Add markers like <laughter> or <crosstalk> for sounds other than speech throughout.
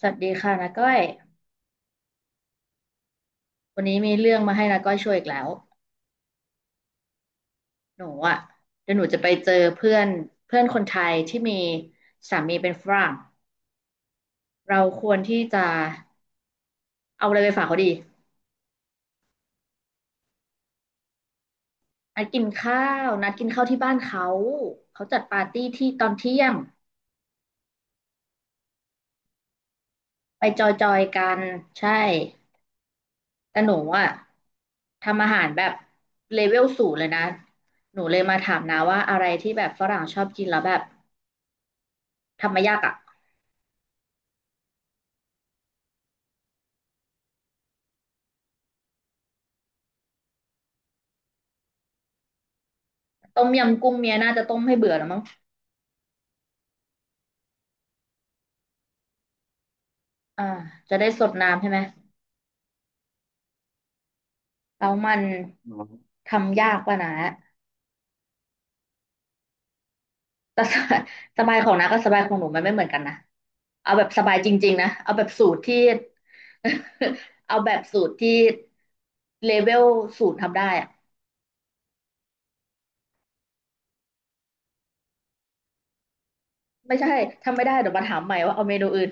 สวัสดีค่ะนาก้อย วันนี้มีเรื่องมาให้นาก้อยช่วยอีกแล้วหนูอ่ะเดี๋ยวหนูจะไปเจอเพื่อนเพื่อนคนไทยที่มีสามีเป็นฝรั่งเราควรที่จะเอาอะไรไปฝากเขาดีนัดกินข้าวนัดกินข้าวที่บ้านเขาเขาจัดปาร์ตี้ที่ตอนเที่ยงไปจอยๆกันใช่แต่หนูอ่ะทำอาหารแบบเลเวลสูงเลยนะหนูเลยมาถามนาว่าอะไรที่แบบฝรั่งชอบกินแล้วแบบทำไม่ยากอ่ะต้มยำกุ้งเมียน่าจะต้มให้เบื่อแล้วมั้ง อ่าจะได้สดน้ำใช่ไหมแล้วมันทำยากป่ะนะแต่สบายสบายของน้ากับสบายของหนูมันไม่เหมือนกันนะเอาแบบสบายจริงๆนะเอาแบบสูตรที่ <laughs> เอาแบบสูตรที่เลเวลสูตรทำได้อะไม่ใช่ทำไม่ได้เดี๋ยวมาถามใหม่ว่าเอาเมนูอื่น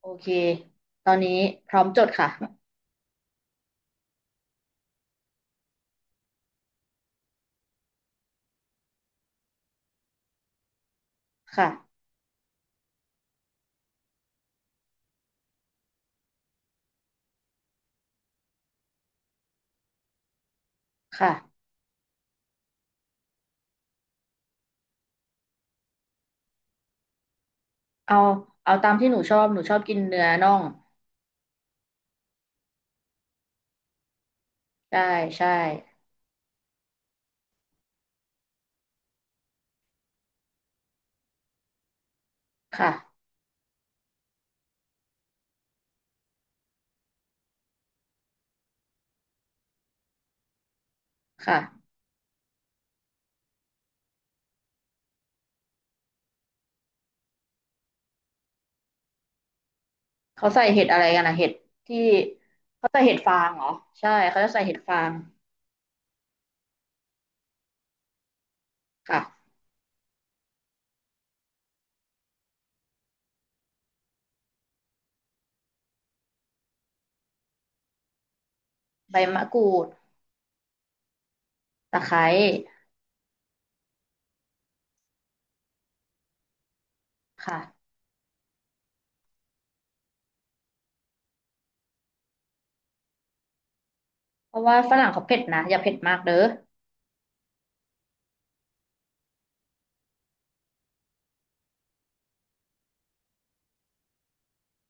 โอเคตอนนี้พร้อมจดค่ะค่ะค่ะเอาเอาตามที่หนูชอบหนูชอบกินเนื้อน่องได้ใช่ค่ะค่ะ เขาใส่เห็ดอะไรกันนะเห็ดที่เขาใส่เห็ดฟางเหรอใช่เขาจะใส่เห็ดฟางค่ะใบมะกรูดตะไคร้ค่ะเพราะว่าฝรั่งเขาเผ็ดนะอย่าเผ็ดมากเด้อ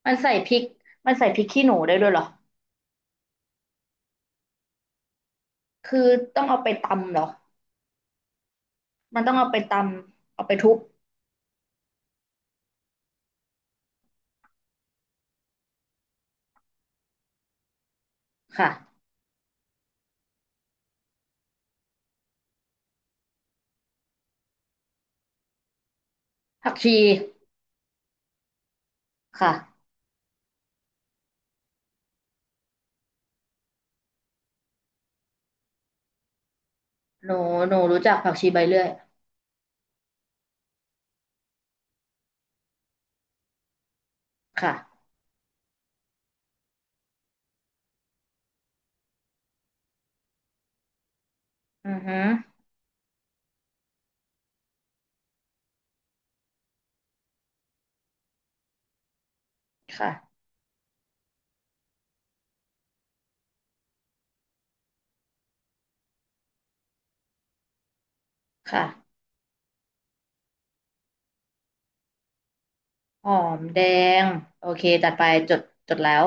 มันใส่พริกมันใส่พริกขี้หนูได้ด้วยเหรอคือต้องเอาไปตำเหรอมันต้องเอาไปตำเอาไปทุบค่ะผักชีค่ะหนูหนูรู้จักผักชีใบเลื่อยค่ะอือฮึค่ะค่ะหอมแดงโอเคจัดไปจดจดแล้ว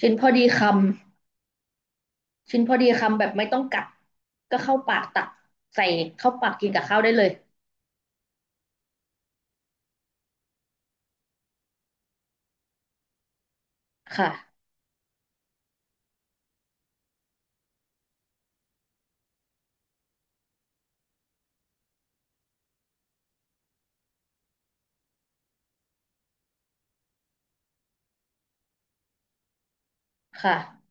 ชิ้นพอดีคำ ชิ้นพอดีคำแบบไม่ต้องกัดก็เข้าปากตักใส่เข้าปากกินกับข้าวได้เลยค่ะค่ะ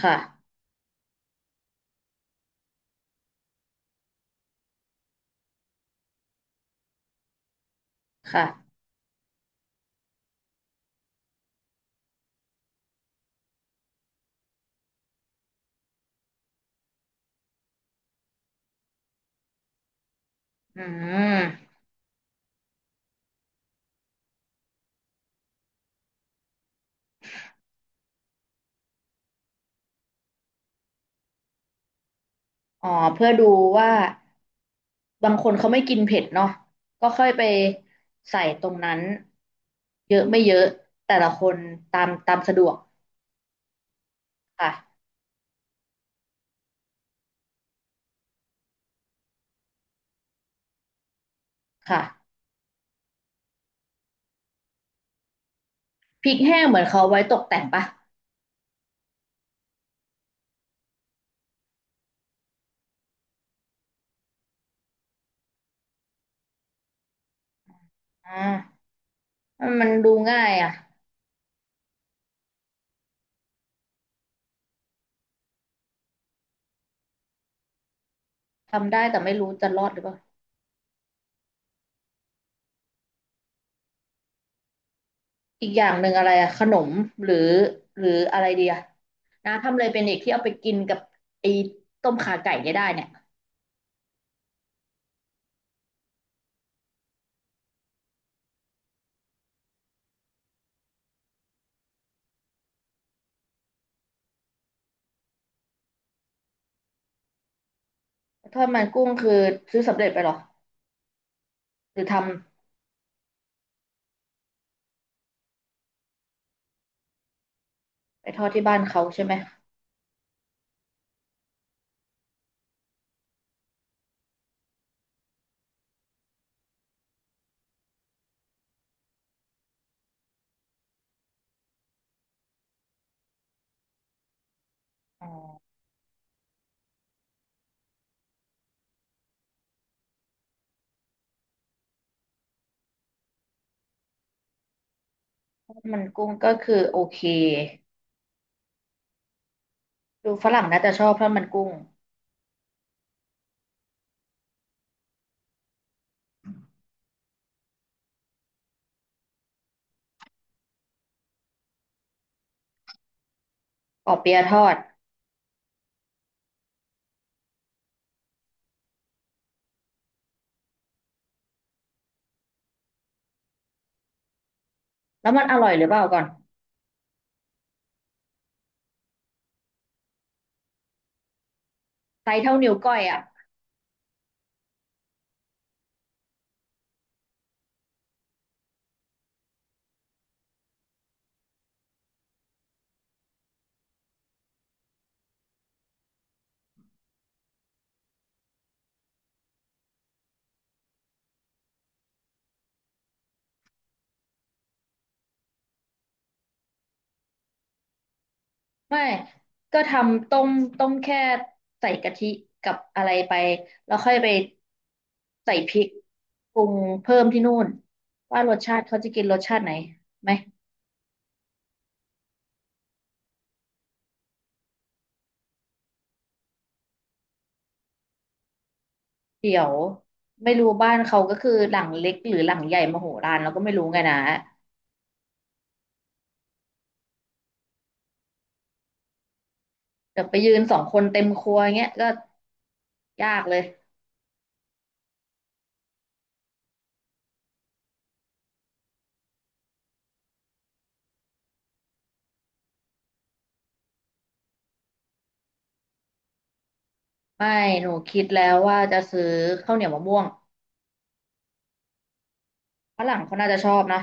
ค่ะค่ะอืมอ๋อเพื่อดูว่าบางคนเขาไม่กินเผ็ดเนาะก็ค่อยไปใส่ตรงนั้นเยอะไม่เยอะแต่ละคนตามตามสะดวกค่ะค่ะพริกแห้งเหมือนเขาไว้ตกแต่งปะอ่ามันดูง่ายอ่ะทำได้แต่ไม่รู้จะรอดหรือเปล่า อีกอย่างหนึ่งอะไรอะขนมหรือหรืออะไรดีอะนะทำอะไรเป็นอีกที่เอาไปกินกับไอ้ต้มข่าไก่เนี่ยได้เนี่ยทอดมันกุ้งคือซื้อสำเร็จไปเหรอหรือทำไปทอดที่บ้านเขาใช่ไหมอ๋อทอดมันกุ้งก็คือโอเคดูฝรั่งน่าจะชอบทอดมันกุ้งปอเปี๊ยะทอดแล้วมันอร่อยหรือเปล่าก่อนไซส์เท่านิ้วก้อยอะ ไม่ก็ทำต้มต้มแค่ใส่กะทิกับอะไรไปแล้วค่อยไปใส่พริกปรุงเพิ่มที่นู่นว่ารสชาติเขาจะกินรสชาติไหนไหมเดี๋ยวไม่รู้บ้านเขาก็คือหลังเล็กหรือหลังใหญ่มโหฬารเราก็ไม่รู้ไงนะเดี๋ยวไปยืนสองคนเต็มครัวเงี้ยก็ยากเลยไม่หนูคิดแล้วว่าจะซื้อข้าวเหนียวมะม่วงฝรั่งเขาน่าจะชอบนะ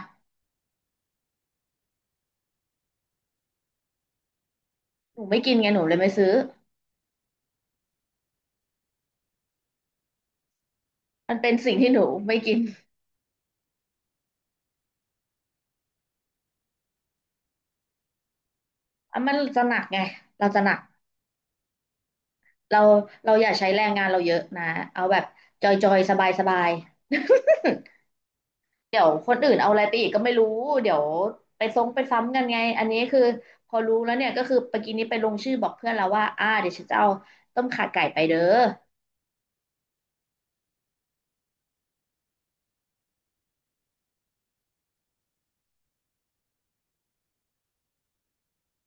หนูไม่กินไงหนูเลยไม่ซื้อมันเป็นสิ่งที่หนูไม่กิน อ่ะมันจะหนักไงเราจะหนักเราเราอย่าใช้แรงงานเราเยอะนะเอาแบบจอยจอยสบายสบายๆเดี๋ยวคนอื่นเอาอะไรไปอีกก็ไม่รู้เดี๋ยวไปซ้งไปซ้ำกันไงอันนี้คือพอรู้แล้วเนี่ยก็คือเมื่อกี้นี้ไปลงชื่อบอกเพื่อนแล้วว่าอ่าเดี๋ยวฉันจะเอาต้มข่าไก่ไปเด้อ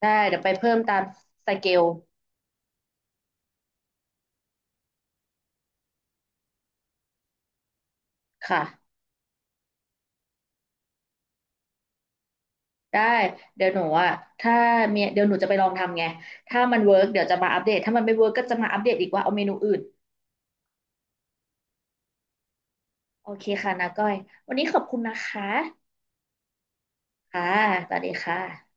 ได้เดี๋ยวไปเพิ่มตามสเกลค่ะได้เดี๋ยวหนูอ่ะถ้าเมียเดี๋ยวหนูจะไปลองทำไงถ้ามันเวิร์กเดี๋ยวจะมาอัปเดตถ้ามันไม่เวิร์กก็จะมาอัปเดตอีกว่าเอาเมนูอื่นโอเคค่ะนาก้อยวันนี้ขอบคุณนะคะ ค่ะสวัสดีค่ะ